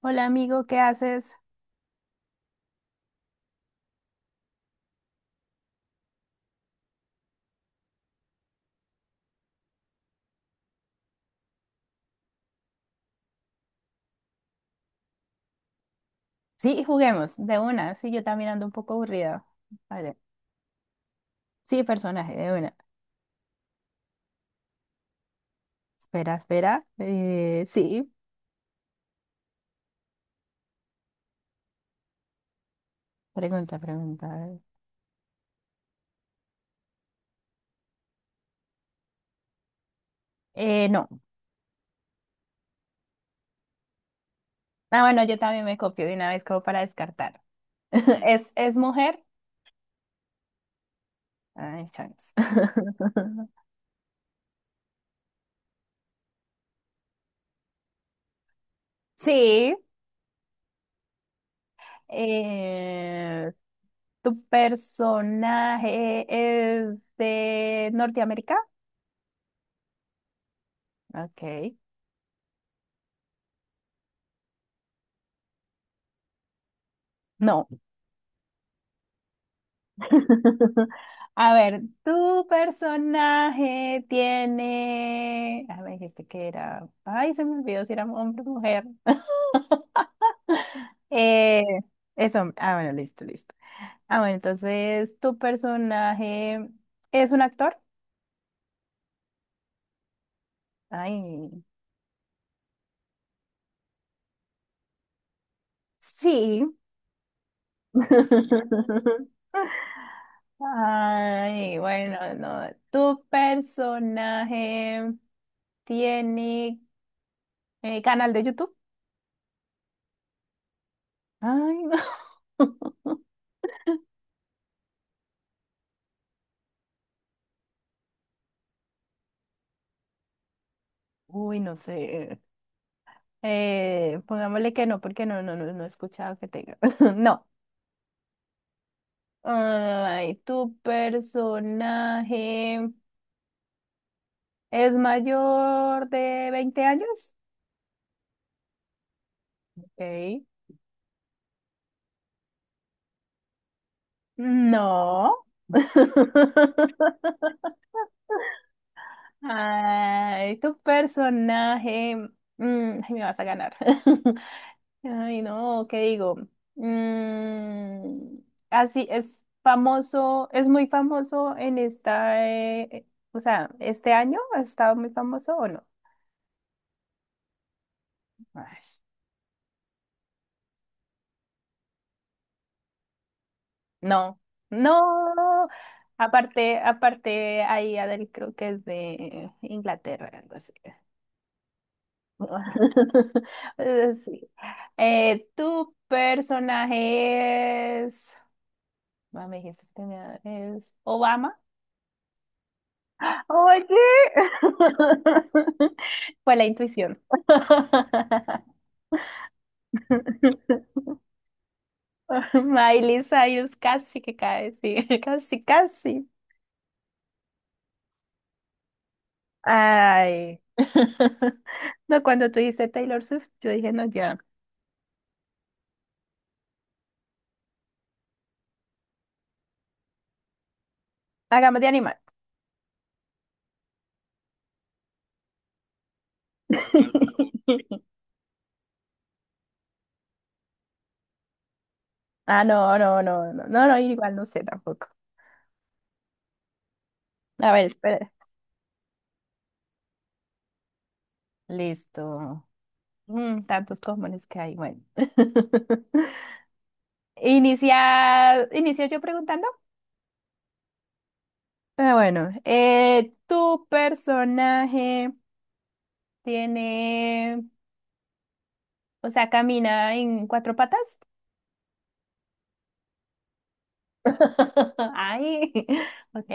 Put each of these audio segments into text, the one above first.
Hola amigo, ¿qué haces? Sí, juguemos, de una. Sí, yo también ando un poco aburrida. Vale. Sí, personaje, de una. Espera, espera. Sí, pregunta, pregunta. A ver. No. Ah, bueno, yo también me copio de una vez como para descartar. ¿Es mujer? Ay, chance. Sí. Eh, ¿Tu personaje es de Norteamérica? Ok. No. A ver, tu personaje tiene. A ver, este que era. Ay, se me olvidó si era hombre o mujer. Eh, es hombre. Ah, bueno, listo, listo. Ah, bueno, entonces, ¿tu personaje es un actor? Ay, sí. Ay, bueno, no. ¿Tu personaje tiene canal de YouTube? Ay, no. Uy, no sé. Pongámosle que no, porque no, no, no, no he escuchado que tenga. No. Ay, ¿tu personaje es mayor de 20 años? Ok. No. Ay, tu personaje. Ay, me vas a ganar. Ay, no, ¿qué digo? Mm, así es famoso, es muy famoso en esta, o sea, ¿este año ha estado muy famoso o no? Ay, no, no. Aparte, aparte, ahí Adele creo que es de Inglaterra, algo así. Sí. Tu personaje es, ah, me dijiste que tenía- es Obama. Oye, fue la intuición. Miley Cyrus casi que cae, sí, casi, casi. Ay, no, cuando tú dices Taylor Swift, yo dije, no, ya, hagamos de animal. Ah, no, no, no, no, no, no, igual no sé tampoco. A ver, espera. Listo. Mm, tantos comunes que hay, bueno. Inicia, inicio yo preguntando. Ah, bueno, tu personaje tiene, o sea, camina en cuatro patas. Ay, ok.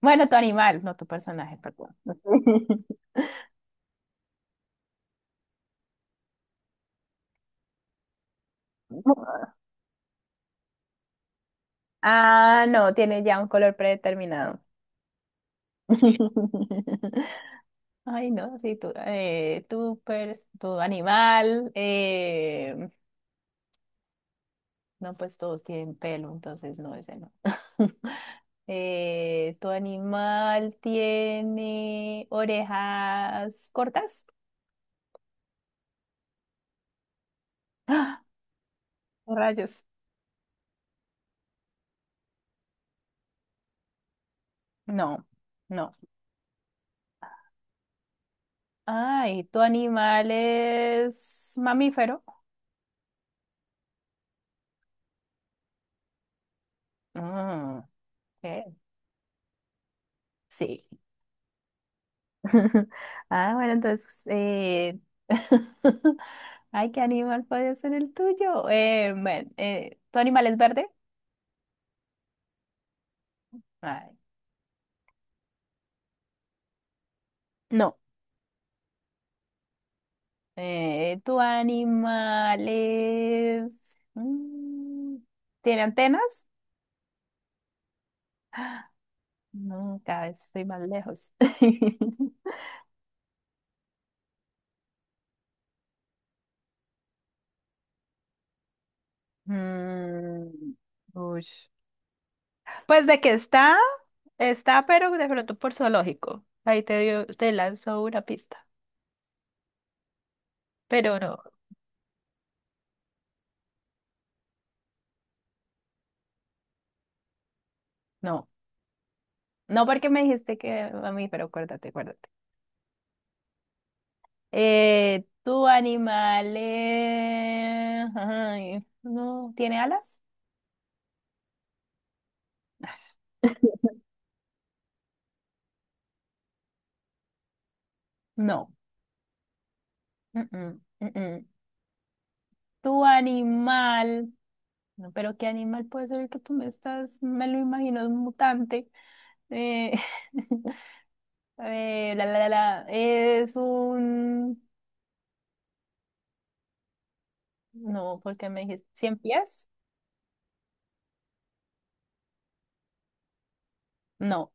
Bueno, tu animal, no tu personaje, perdón. Ah, no, tiene ya un color predeterminado. Ay, no, sí, tu animal, no, pues todos tienen pelo, entonces no, ese no. Tu animal tiene orejas cortas? ¿O Rayos. No, no. Ay, ¿tu animal es mamífero? Mm, ok, sí. Ah, bueno, entonces, ay, ¿qué animal puede ser el tuyo? Bueno, ¿tu animal es verde? Ay, no. ¿Tu animal es... mm, ¿tiene antenas? No, cada vez estoy más lejos. Mm, uy. Pues de que está, está, pero de pronto por zoológico. Ahí te dio, te lanzó una pista. Pero no, no. No porque me dijiste que a mí, pero acuérdate, acuérdate. Tu animal ay, ¿no tiene alas? Ay, no. Mm, mm, mm, mm. Tu animal. No, pero ¿qué animal puede ser el que tú me estás? Me lo imagino, es un mutante. Eh, es un... No, porque me dijiste, ¿cien pies? No,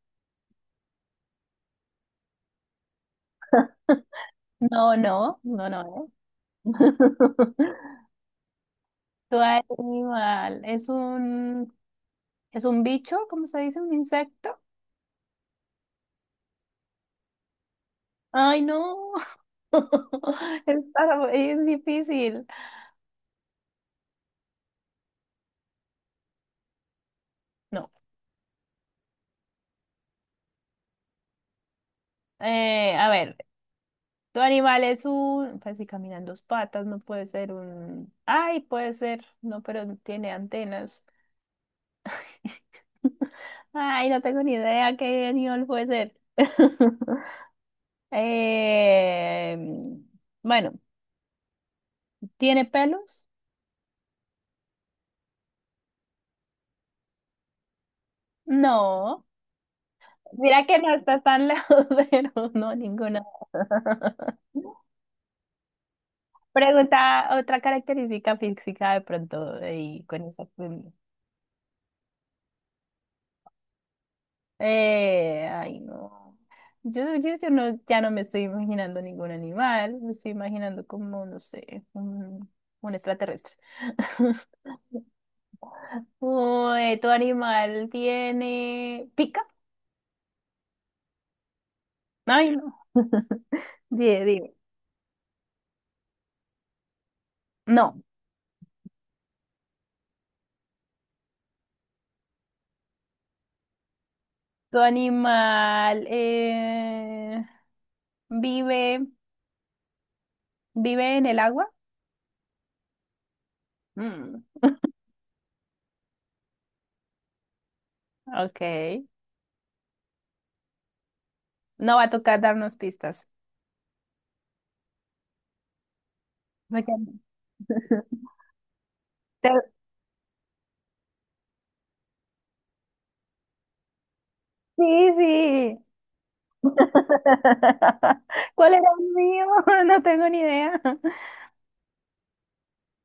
no, no, no, no. no. Tu animal, es un... ¿Es un bicho? ¿Cómo se dice? ¿Un insecto? Ay, no. Está- Es difícil. No. A ver. Tu animal es un, pues si camina dos patas, no puede ser un, ay, puede ser, no, pero tiene antenas. Ay, no tengo ni idea qué animal puede ser. Eh, bueno, ¿tiene pelos? No. Mira que no está tan lejos, pero no, ninguna. Pregunta otra característica física de pronto y con esa. Pues, ay, no. Yo no, ya no me estoy imaginando ningún animal, me estoy imaginando como, no sé, un extraterrestre. Uy, ¿tu animal tiene pica? Ay, no. Dime, dime. No. ¿Tu animal vive, vive en el agua? Mm, ok. No va a tocar darnos pistas. Me quedo- Te- Sí, sí. ¿Cuál era el mío? No tengo ni idea.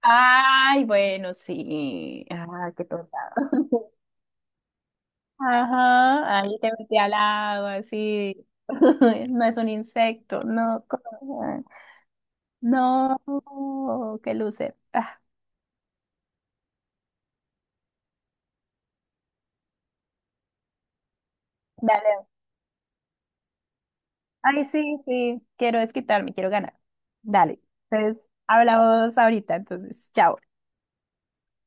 Ay, bueno, sí. Ah, qué tonta. Ajá, ahí te metí al agua, así. No es un insecto, no. co- ah, no, qué loser. Ah, dale. Ay, sí, sí. Quiero desquitarme, quiero ganar. Dale. Entonces, hablamos ahorita, entonces, chao.